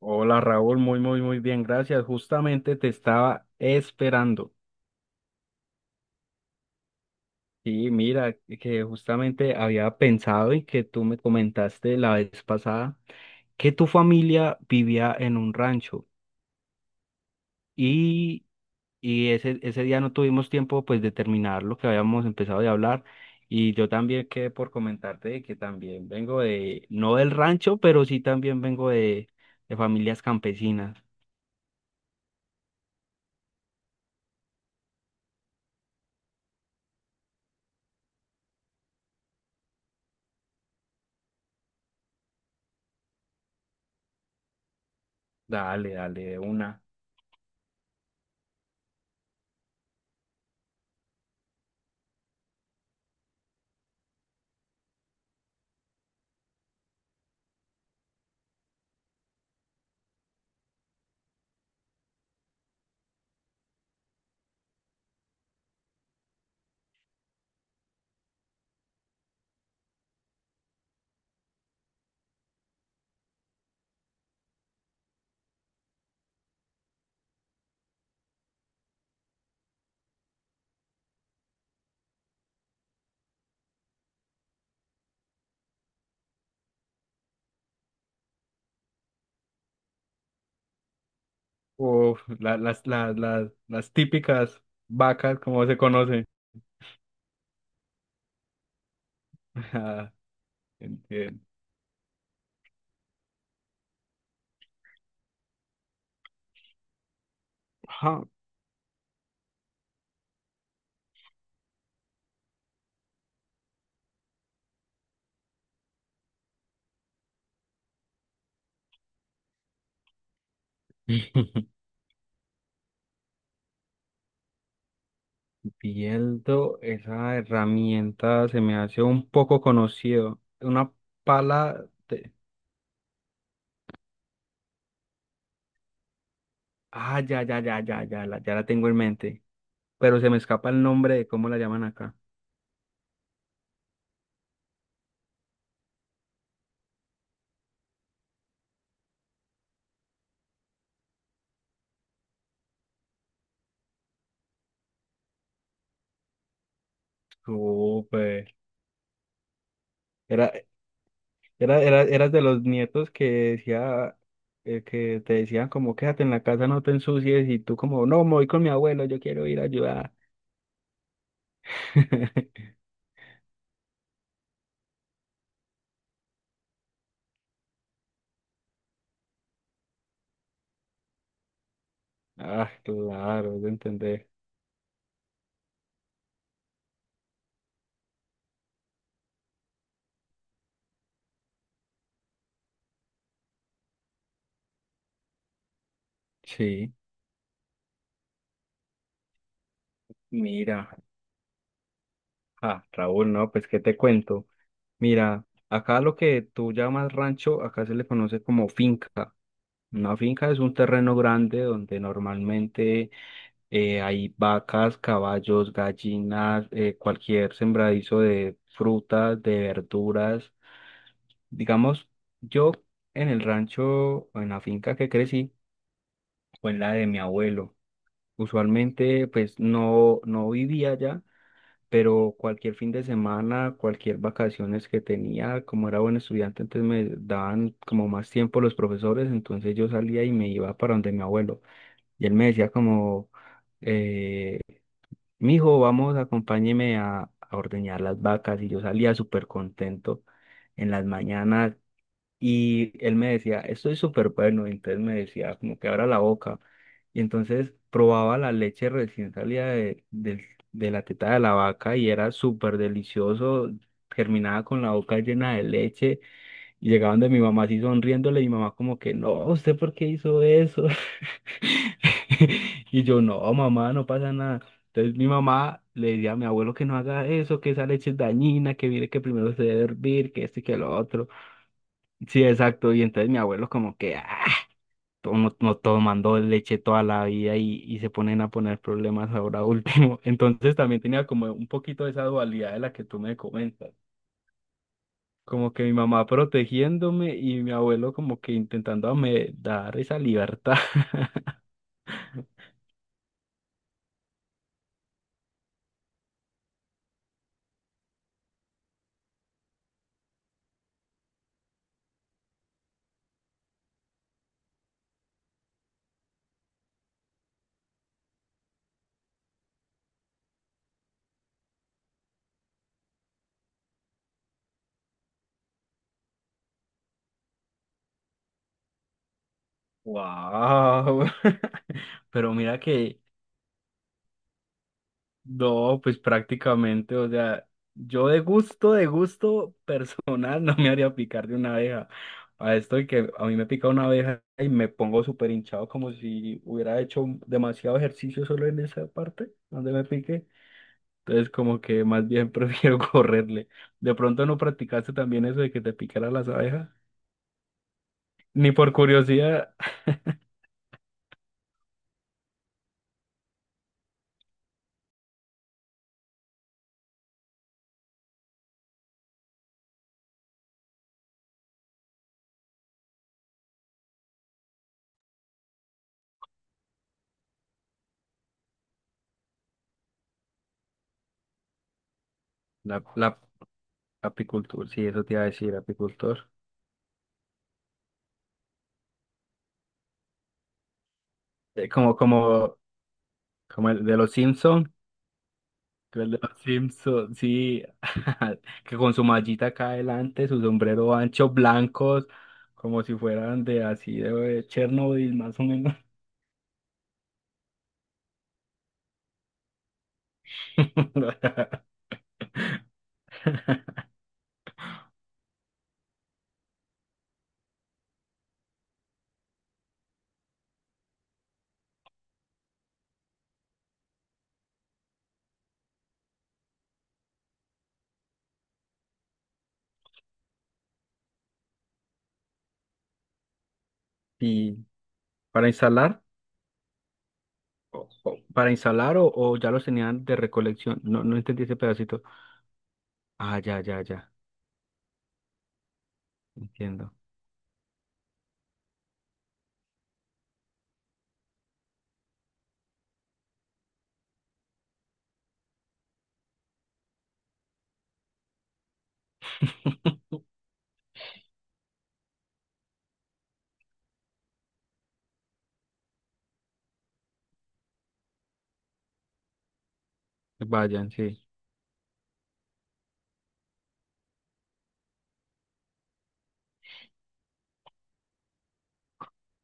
Hola Raúl, muy, muy, muy bien, gracias. Justamente te estaba esperando. Sí, mira, que justamente había pensado y que tú me comentaste la vez pasada que tu familia vivía en un rancho y, y ese día no tuvimos tiempo pues de terminar lo que habíamos empezado de hablar, y yo también quedé por comentarte de que también vengo de, no del rancho, pero sí también vengo de familias campesinas. Dale, dale, de una. Uf, las típicas vacas, como se conoce. Ajá, entiendo. Ajá. Viendo esa herramienta se me hace un poco conocido. Una pala de... Ah, ya, ya, ya, ya, ya, la, ya la tengo en mente. Pero se me escapa el nombre de cómo la llaman acá. Súper. Era, era, era, eras de los nietos que decía, que te decían como quédate en la casa, no te ensucies, y tú como, no, me voy con mi abuelo, yo quiero ir a ayudar. Ah, claro, de entender. Sí, mira. Ah, Raúl, no, pues qué te cuento. Mira, acá lo que tú llamas rancho, acá se le conoce como finca. Una finca es un terreno grande donde normalmente hay vacas, caballos, gallinas, cualquier sembradizo de frutas, de verduras. Digamos, yo en el rancho, o en la finca que crecí, o en la de mi abuelo. Usualmente, pues no, no vivía allá, pero cualquier fin de semana, cualquier vacaciones que tenía, como era buen estudiante, entonces me daban como más tiempo los profesores, entonces yo salía y me iba para donde mi abuelo. Y él me decía como, eh, mijo, vamos, acompáñeme a ordeñar las vacas. Y yo salía súper contento en las mañanas. Y él me decía, esto es súper bueno. Y entonces me decía, como que abra la boca. Y entonces probaba la leche recién salida de de la teta de la vaca y era súper delicioso. Terminaba con la boca llena de leche y llegaban de mi mamá así sonriéndole. Y mi mamá, como que, no, ¿usted por qué hizo eso? Y yo, no, mamá, no pasa nada. Entonces mi mamá le decía a mi abuelo que no haga eso, que esa leche es dañina, que mire que primero se debe hervir, que este y que lo otro. Sí, exacto. Y entonces mi abuelo como que, ah, no, no tomando leche toda la vida y se ponen a poner problemas ahora último. Entonces también tenía como un poquito de esa dualidad de la que tú me comentas. Como que mi mamá protegiéndome y mi abuelo como que intentando me dar esa libertad. Wow, pero mira que no, pues prácticamente, o sea, yo de gusto personal no me haría picar de una abeja. A esto de que a mí me pica una abeja y me pongo súper hinchado como si hubiera hecho demasiado ejercicio solo en esa parte donde me pique. Entonces como que más bien prefiero correrle. De pronto no practicaste también eso de que te picara las abejas, ni por curiosidad. La apicultura, sí, eso te iba a decir, apicultor. eh, como, como, como el de los Simpsons, que el de los Simpson, sí, que con su mallita acá adelante, su sombrero ancho, blancos, como si fueran de así de Chernobyl, más o menos. Y para instalar, para instalar o ya los tenían de recolección. No, no entendí ese pedacito. Ah, ya, ya, ya. Entiendo. Vayan, sí.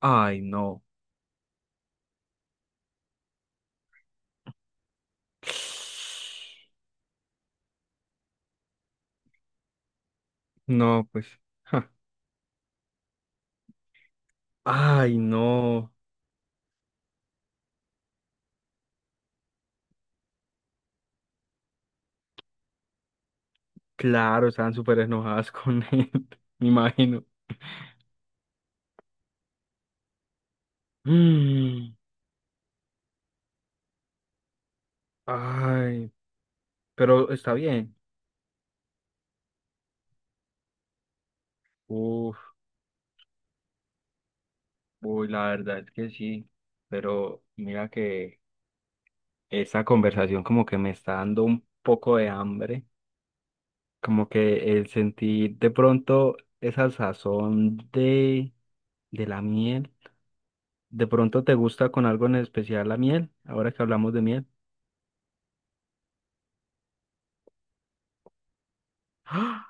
Ay, no. No, pues. Ja. Ay, no. Claro, estaban súper enojadas con él, me imagino. Mm, ay, pero está bien. Uf, uy, la verdad es que sí. Pero mira que esa conversación como que me está dando un poco de hambre. Como que el sentir de pronto esa sazón de la miel. ¿De pronto te gusta con algo en especial la miel? Ahora que hablamos de miel. ¡Ah!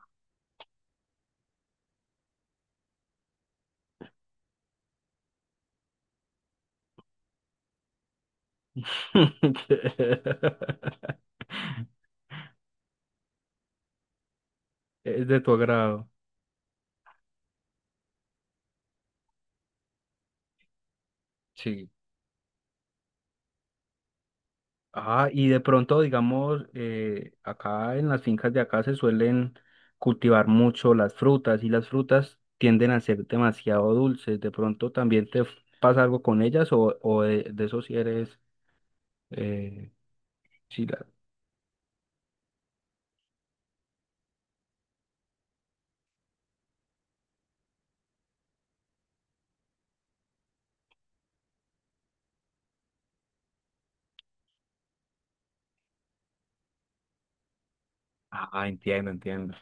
Es de tu agrado. Sí. Ah, y de pronto, digamos, acá en las fincas de acá se suelen cultivar mucho las frutas y las frutas tienden a ser demasiado dulces. De pronto también pasa algo con ellas o de eso si eres... Eh, sí, la- Ah, entiendo, entiendo.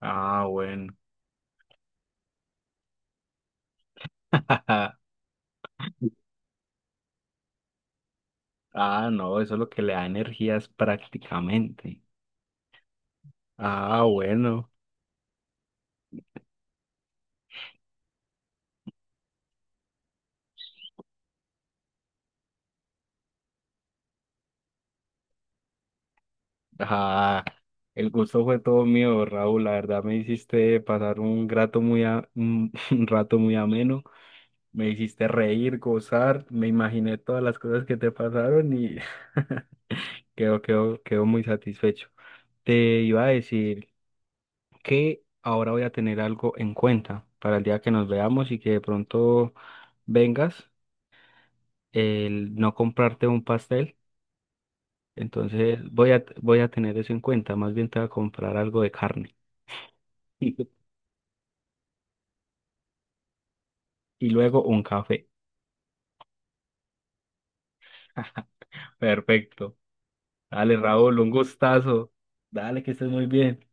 Ah, bueno. Ah, no, eso es lo que le da energías prácticamente. Ah, bueno. Ah, el gusto fue todo mío, Raúl. La verdad me hiciste pasar un un un rato muy ameno. Me hiciste reír, gozar. Me imaginé todas las cosas que te pasaron y quedo muy satisfecho. Te iba a decir que ahora voy a tener algo en cuenta para el día que nos veamos y que de pronto vengas, el no comprarte un pastel. Entonces voy a, voy a tener eso en cuenta. Más bien te voy a comprar algo de carne. Y luego un café. Perfecto. Dale, Raúl, un gustazo. Dale, que estés muy bien.